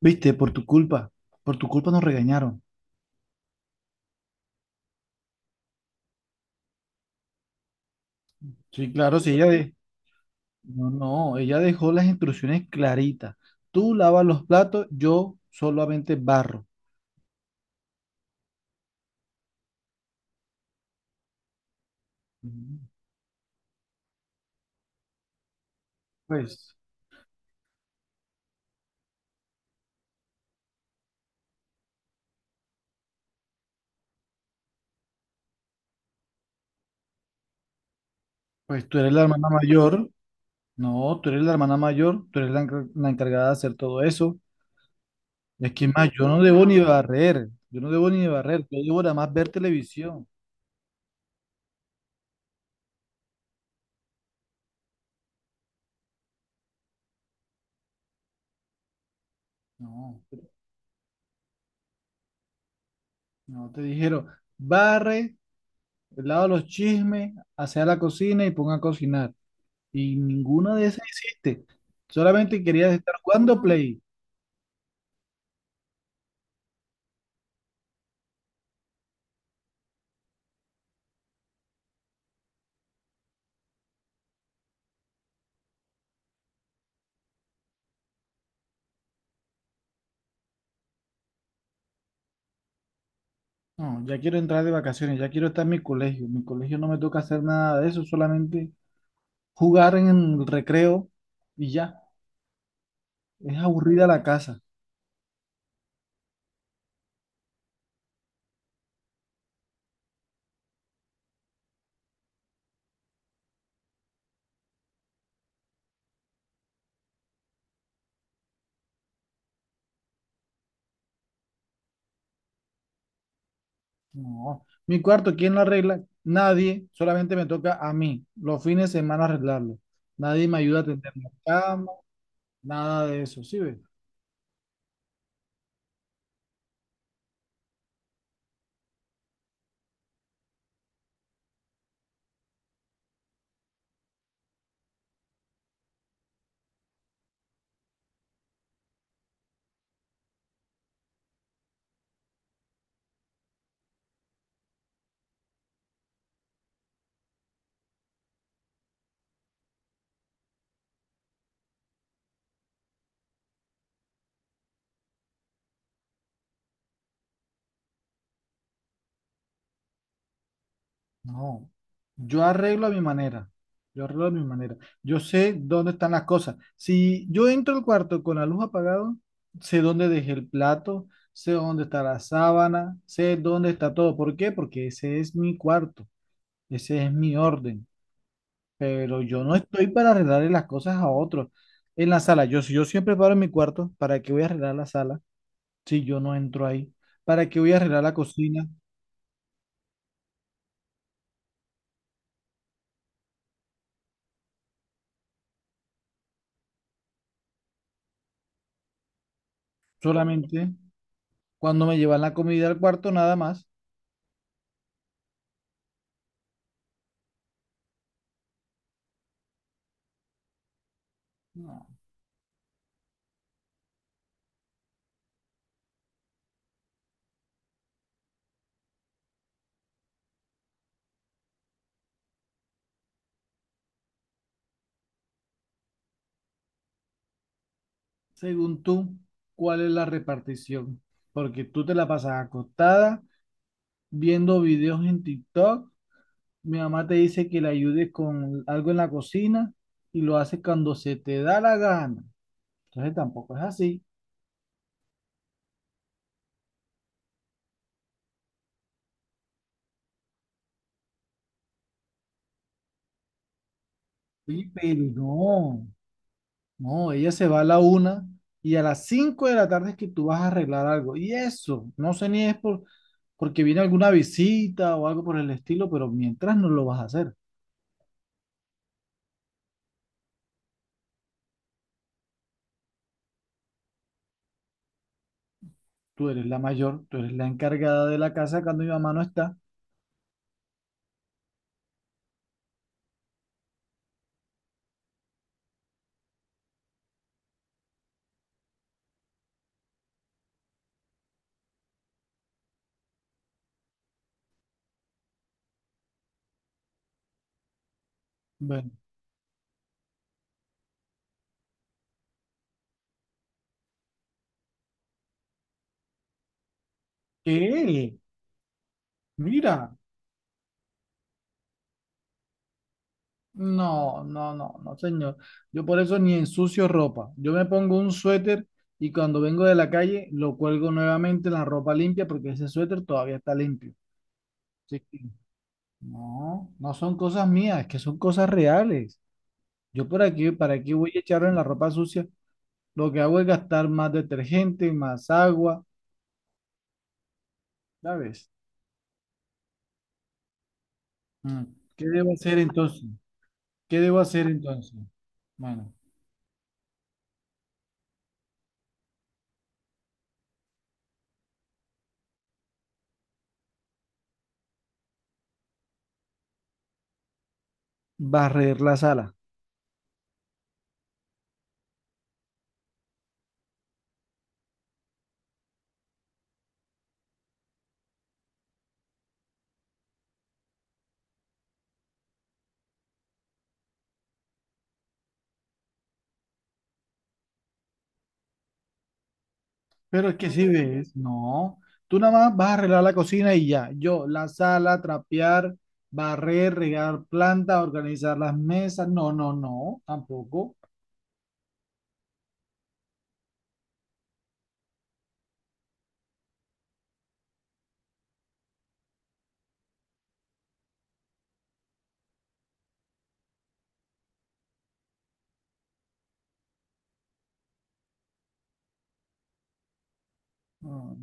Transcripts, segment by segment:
Viste, por tu culpa nos regañaron. Sí, claro, sí, No, no, ella dejó las instrucciones claritas. Tú lavas los platos, yo solamente barro. Mm. Pues, pues, tú eres la hermana mayor. No, tú eres la hermana mayor, tú eres la encargada de hacer todo eso. Es que más, yo no debo ni barrer, yo no debo ni barrer, yo debo nada más ver televisión. No, no te dijeron, barre, lava los chismes, hacia la cocina y ponga a cocinar. Y ninguna de esas hiciste. Solamente querías estar jugando Play. No, ya quiero entrar de vacaciones, ya quiero estar en mi colegio. En mi colegio no me toca hacer nada de eso, solamente jugar en el recreo y ya. Es aburrida la casa. No. Mi cuarto, ¿quién lo arregla? Nadie, solamente me toca a mí, los fines de semana arreglarlo. Nadie me ayuda a tender la cama, nada de eso, ¿sí ves? No, yo arreglo a mi manera. Yo arreglo a mi manera. Yo sé dónde están las cosas. Si yo entro al cuarto con la luz apagada, sé dónde dejé el plato, sé dónde está la sábana, sé dónde está todo. ¿Por qué? Porque ese es mi cuarto, ese es mi orden. Pero yo no estoy para arreglarle las cosas a otros. En la sala, si yo siempre paro en mi cuarto, ¿para qué voy a arreglar la sala si yo no entro ahí? ¿Para qué voy a arreglar la cocina? Solamente cuando me llevan la comida al cuarto, nada más. Según tú, ¿cuál es la repartición? Porque tú te la pasas acostada viendo videos en TikTok. Mi mamá te dice que le ayudes con algo en la cocina y lo haces cuando se te da la gana. Entonces tampoco es así. Oye, pero no, no, ella se va a la 1 y a las 5 de la tarde es que tú vas a arreglar algo. Y eso, no sé ni es porque viene alguna visita o algo por el estilo, pero mientras no lo vas a hacer. Tú eres la mayor, tú eres la encargada de la casa cuando mi mamá no está. Bueno, ¿qué? Mira, no, no, no, no, señor. Yo por eso ni ensucio ropa. Yo me pongo un suéter y cuando vengo de la calle lo cuelgo nuevamente en la ropa limpia porque ese suéter todavía está limpio. Así que, no, no son cosas mías, es que son cosas reales. Yo por aquí, ¿para aquí voy a echar en la ropa sucia? Lo que hago es gastar más detergente, más agua, ¿sabes? Mm. ¿Qué debo hacer entonces? ¿Qué debo hacer entonces? Bueno, barrer la sala. Pero es que si ves, no. Tú nada más vas a arreglar la cocina y ya. Yo, la sala, trapear, barrer, regar plantas, organizar las mesas. No, no, no, tampoco. No,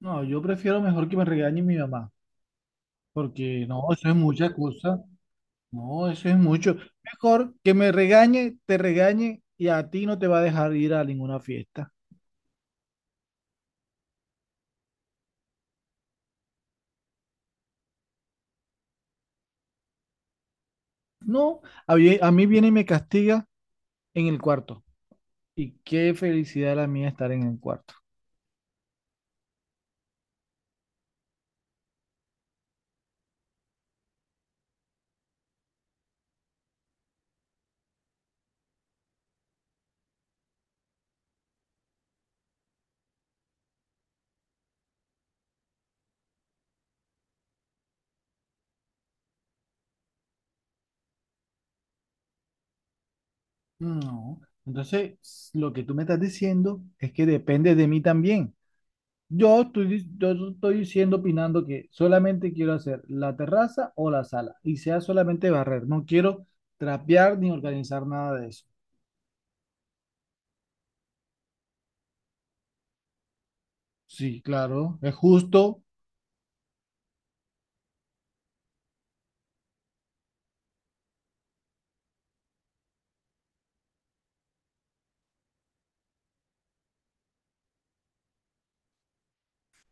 no, yo prefiero mejor que me regañe mi mamá, porque no, eso es mucha cosa. No, eso es mucho. Mejor que me regañe, te regañe y a ti no te va a dejar ir a ninguna fiesta. No, a mí viene y me castiga en el cuarto. Y qué felicidad la mía estar en el cuarto. No. Entonces, lo que tú me estás diciendo es que depende de mí también. Yo estoy diciendo, opinando que solamente quiero hacer la terraza o la sala y sea solamente barrer. No quiero trapear ni organizar nada de eso. Sí, claro, es justo.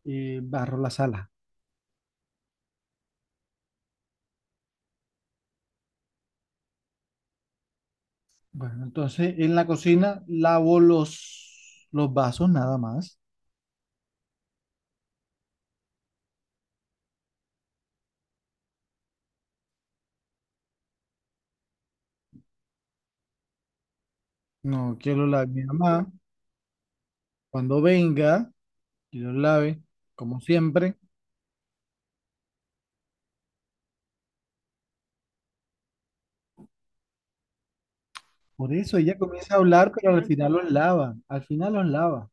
Barro la sala. Bueno, entonces en la cocina lavo los vasos nada más. No quiero, la mi mamá cuando venga y los lave, como siempre. Por eso ella comienza a hablar, pero al final los lava, al final los lava.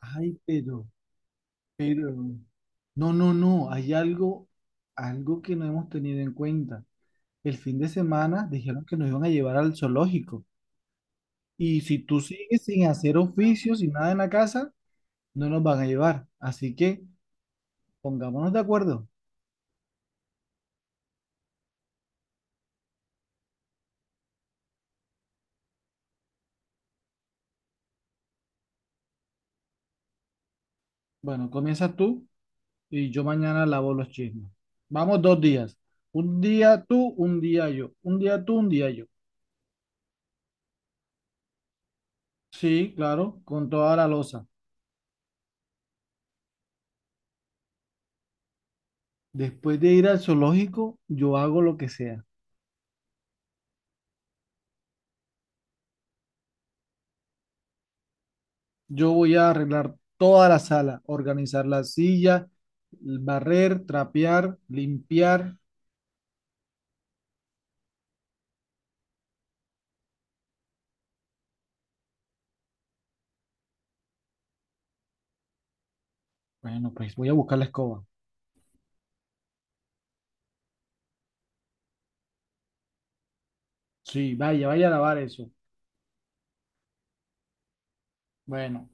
Ay, pero, no, no, no, hay algo que no hemos tenido en cuenta. El fin de semana dijeron que nos iban a llevar al zoológico y si tú sigues sin hacer oficios y nada en la casa, no nos van a llevar. Así que pongámonos de acuerdo. Bueno, comienzas tú. Y yo mañana lavo los chismes. Vamos 2 días. Un día tú, un día yo. Un día tú, un día yo. Sí, claro, con toda la loza. Después de ir al zoológico, yo hago lo que sea. Yo voy a arreglar toda la sala, organizar la silla, barrer, trapear, limpiar. Bueno, pues voy a buscar la escoba. Sí, vaya, vaya a lavar eso. Bueno,